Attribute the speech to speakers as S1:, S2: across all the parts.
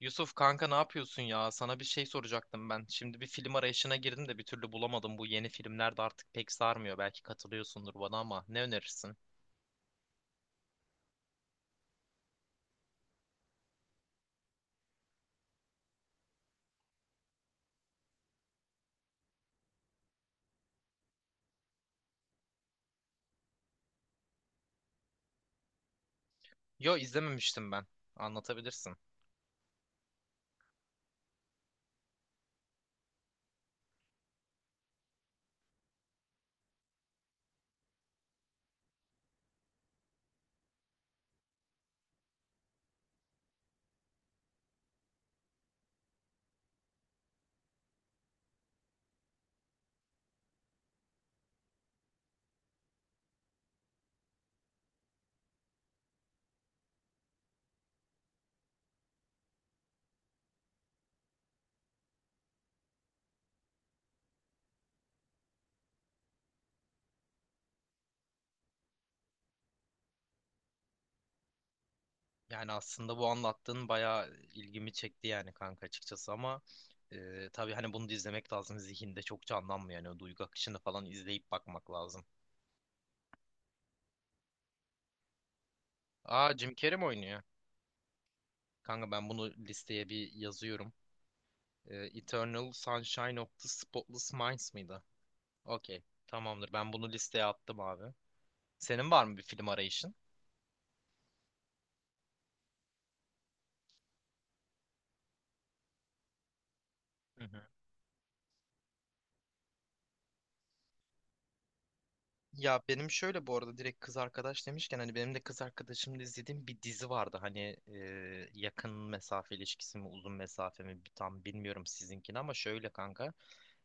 S1: Yusuf kanka ne yapıyorsun ya? Sana bir şey soracaktım ben. Şimdi bir film arayışına girdim de bir türlü bulamadım. Bu yeni filmler de artık pek sarmıyor. Belki katılıyorsundur bana ama ne önerirsin? Yo izlememiştim ben. Anlatabilirsin. Yani aslında bu anlattığın bayağı ilgimi çekti yani kanka açıkçası ama tabii hani bunu da izlemek lazım. Zihinde çok canlanmıyor. Yani o duygu akışını falan izleyip bakmak lazım. Aa Jim Carrey mi oynuyor? Kanka ben bunu listeye bir yazıyorum. Eternal Sunshine of the Spotless Minds mıydı? Okey. Tamamdır. Ben bunu listeye attım abi. Senin var mı bir film arayışın? Hı hı. Ya benim şöyle bu arada direkt kız arkadaş demişken hani benim de kız arkadaşımla izlediğim bir dizi vardı. Hani yakın mesafe ilişkisi mi uzun mesafe mi tam bilmiyorum sizinkini ama şöyle kanka.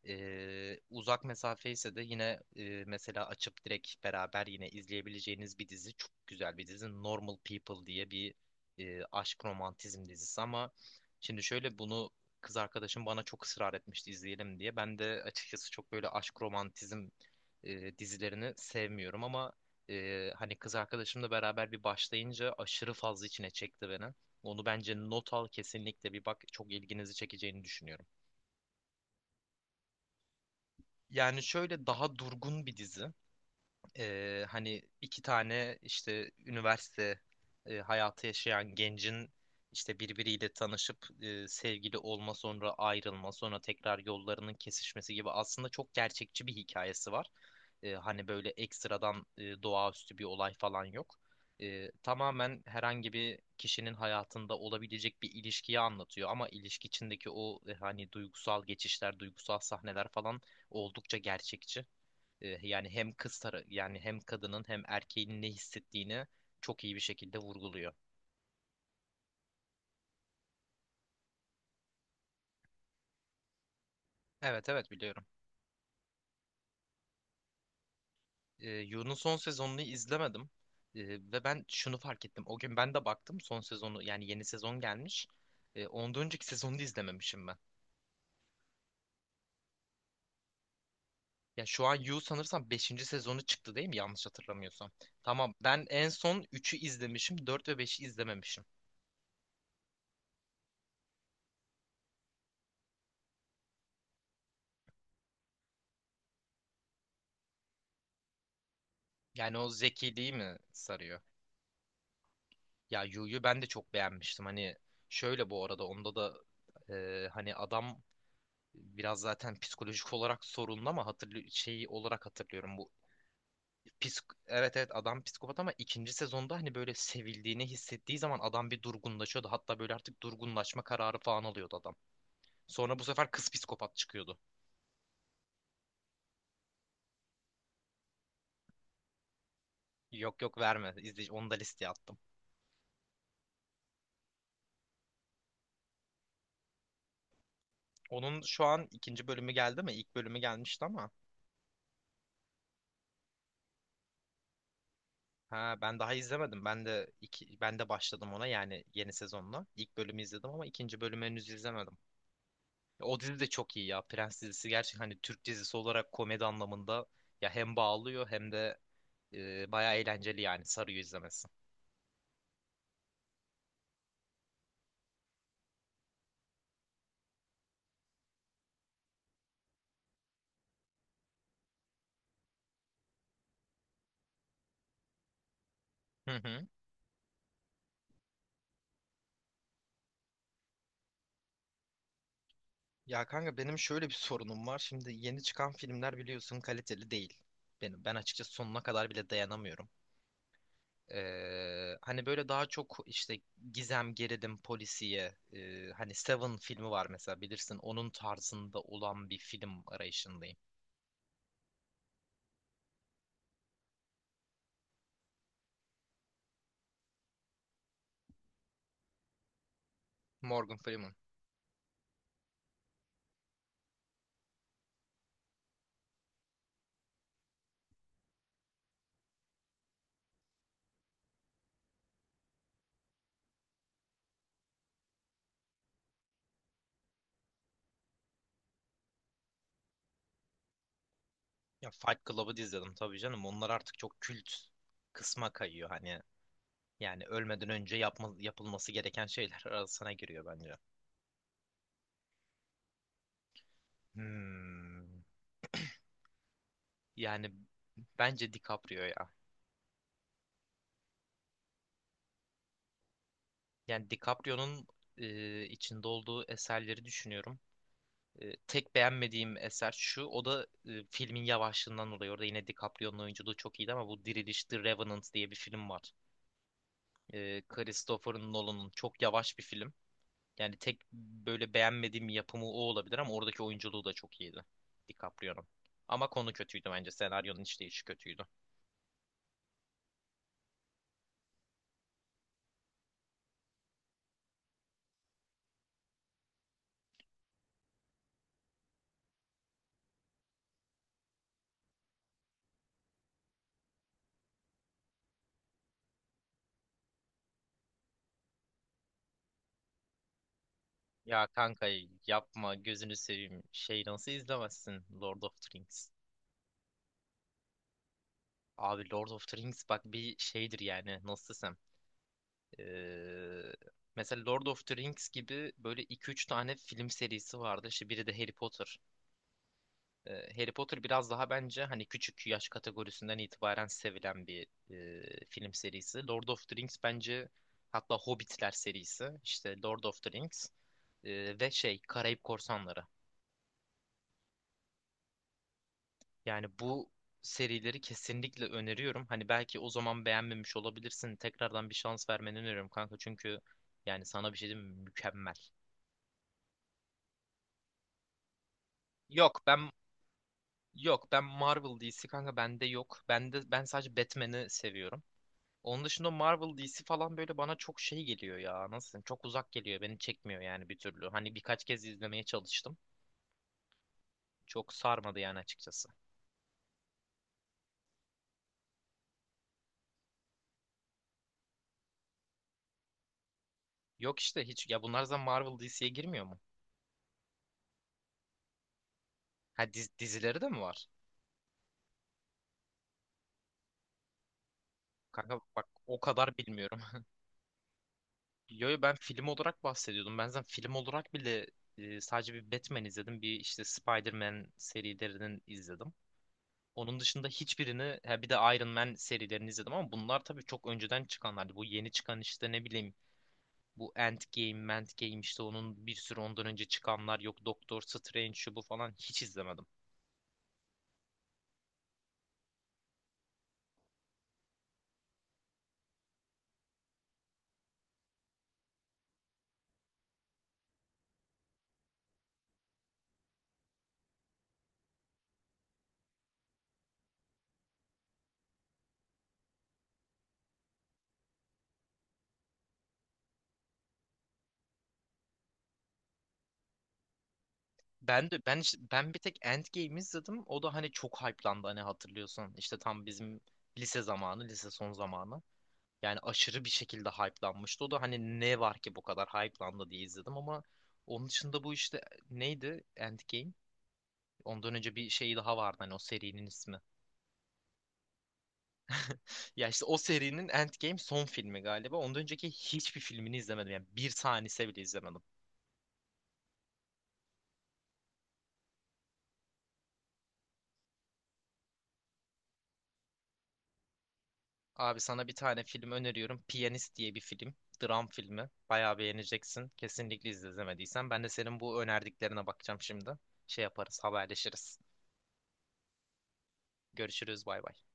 S1: Uzak mesafe ise de yine mesela açıp direkt beraber yine izleyebileceğiniz bir dizi. Çok güzel bir dizi. Normal People diye bir aşk romantizm dizisi ama şimdi şöyle bunu kız arkadaşım bana çok ısrar etmişti izleyelim diye. Ben de açıkçası çok böyle aşk romantizm dizilerini sevmiyorum ama hani kız arkadaşımla beraber bir başlayınca aşırı fazla içine çekti beni. Onu bence not al, kesinlikle bir bak, çok ilginizi çekeceğini düşünüyorum. Yani şöyle daha durgun bir dizi. Hani iki tane işte üniversite hayatı yaşayan gencin işte birbiriyle tanışıp sevgili olma, sonra ayrılma, sonra tekrar yollarının kesişmesi gibi aslında çok gerçekçi bir hikayesi var. Hani böyle ekstradan doğaüstü bir olay falan yok. Tamamen herhangi bir kişinin hayatında olabilecek bir ilişkiyi anlatıyor ama ilişki içindeki o hani duygusal geçişler, duygusal sahneler falan oldukça gerçekçi. Yani hem kız tarafı, yani hem kadının hem erkeğin ne hissettiğini çok iyi bir şekilde vurguluyor. Evet, evet, biliyorum. Yu'nun son sezonunu izlemedim. E, Ve ben şunu fark ettim. O gün ben de baktım son sezonu, yani yeni sezon gelmiş. Ondan önceki sezonu da izlememişim ben. Ya şu an Yu sanırsam beşinci sezonu çıktı değil mi? Yanlış hatırlamıyorsam. Tamam, ben en son üçü izlemişim, 4 ve beşi izlememişim. Yani o zekiliği mi sarıyor? Ya Yu'yu ben de çok beğenmiştim. Hani şöyle bu arada onda da hani adam biraz zaten psikolojik olarak sorunlu ama hatırlı şeyi olarak hatırlıyorum bu evet, evet, adam psikopat ama ikinci sezonda hani böyle sevildiğini hissettiği zaman adam bir durgunlaşıyordu. Hatta böyle artık durgunlaşma kararı falan alıyordu adam. Sonra bu sefer kız psikopat çıkıyordu. Yok, yok, verme. İzle, onu da listeye attım. Onun şu an ikinci bölümü geldi mi? İlk bölümü gelmişti ama. Ha ben daha izlemedim. Ben de başladım ona, yani yeni sezonla. İlk bölümü izledim ama ikinci bölümü henüz izlemedim. O dizi de çok iyi ya. Prens dizisi gerçekten, hani Türk dizisi olarak komedi anlamında ya hem bağlıyor hem de bayağı eğlenceli, yani sarıyor izlemesi. Hı hı. Ya kanka benim şöyle bir sorunum var. Şimdi yeni çıkan filmler biliyorsun kaliteli değil. Ben açıkçası sonuna kadar bile dayanamıyorum. Hani böyle daha çok işte gizem, gerilim, polisiye, hani Seven filmi var mesela, bilirsin, onun tarzında olan bir film arayışındayım. Morgan Freeman. Ya Fight Club'ı da izledim tabii canım. Onlar artık çok kült kısma kayıyor hani. Yani ölmeden önce yapılması gereken şeyler arasına giriyor bence. Hmm. Yani bence DiCaprio ya. Yani DiCaprio'nun içinde olduğu eserleri düşünüyorum. Tek beğenmediğim eser şu. O da filmin yavaşlığından dolayı. Orada yine DiCaprio'nun oyunculuğu çok iyiydi ama bu Diriliş The Revenant diye bir film var. Christopher Nolan'ın çok yavaş bir film. Yani tek böyle beğenmediğim yapımı o olabilir ama oradaki oyunculuğu da çok iyiydi DiCaprio'nun. Ama konu kötüydü bence. Senaryonun işleyişi kötüydü. Ya kanka yapma, gözünü seveyim. Şey, nasıl izlemezsin Lord of the Rings? Abi Lord of the Rings bak bir şeydir yani, nasıl desem. Ee, Mesela Lord of the Rings gibi böyle iki üç tane film serisi vardı. İşte biri de Harry Potter. Ee, Harry Potter biraz daha bence hani küçük yaş kategorisinden itibaren sevilen bir film serisi. Lord of the Rings bence, hatta Hobbitler serisi. İşte Lord of the Rings ve şey Karayip Korsanları. Yani bu serileri kesinlikle öneriyorum. Hani belki o zaman beğenmemiş olabilirsin. Tekrardan bir şans vermeni öneriyorum kanka. Çünkü yani sana bir şey diyeyim mi? Mükemmel. Yok ben Yok, ben Marvel DC kanka bende yok. Ben sadece Batman'i seviyorum. Onun dışında Marvel DC falan böyle bana çok şey geliyor ya. Nasıl diyeyim, çok uzak geliyor. Beni çekmiyor yani bir türlü. Hani birkaç kez izlemeye çalıştım. Çok sarmadı yani açıkçası. Yok işte, hiç ya, bunlar zaten Marvel DC'ye girmiyor mu? Ha dizileri de mi var? Kanka bak o kadar bilmiyorum. Yo, yo, ben film olarak bahsediyordum. Ben zaten film olarak bile sadece bir Batman izledim. Bir işte Spider-Man serilerinin izledim. Onun dışında hiçbirini, ha bir de Iron Man serilerini izledim ama bunlar tabii çok önceden çıkanlardı. Bu yeni çıkan işte ne bileyim bu Endgame işte, onun bir sürü ondan önce çıkanlar yok. Doctor Strange şu bu falan hiç izlemedim. Ben de ben işte- ben bir tek Endgame izledim. O da hani çok hype'landı, hani hatırlıyorsun? İşte tam bizim lise son zamanı. Yani aşırı bir şekilde hype'lanmıştı. O da hani ne var ki bu kadar hype'landı diye izledim ama onun dışında bu işte neydi Endgame? Ondan önce bir şey daha vardı hani, o serinin ismi. Ya işte o serinin Endgame son filmi galiba. Ondan önceki hiçbir filmini izlemedim. Yani bir tanesi bile izlemedim. Abi sana bir tane film öneriyorum. Piyanist diye bir film. Dram filmi. Bayağı beğeneceksin. Kesinlikle izle, izlemediysen. Ben de senin bu önerdiklerine bakacağım şimdi. Şey yaparız, haberleşiriz. Görüşürüz, bay bay.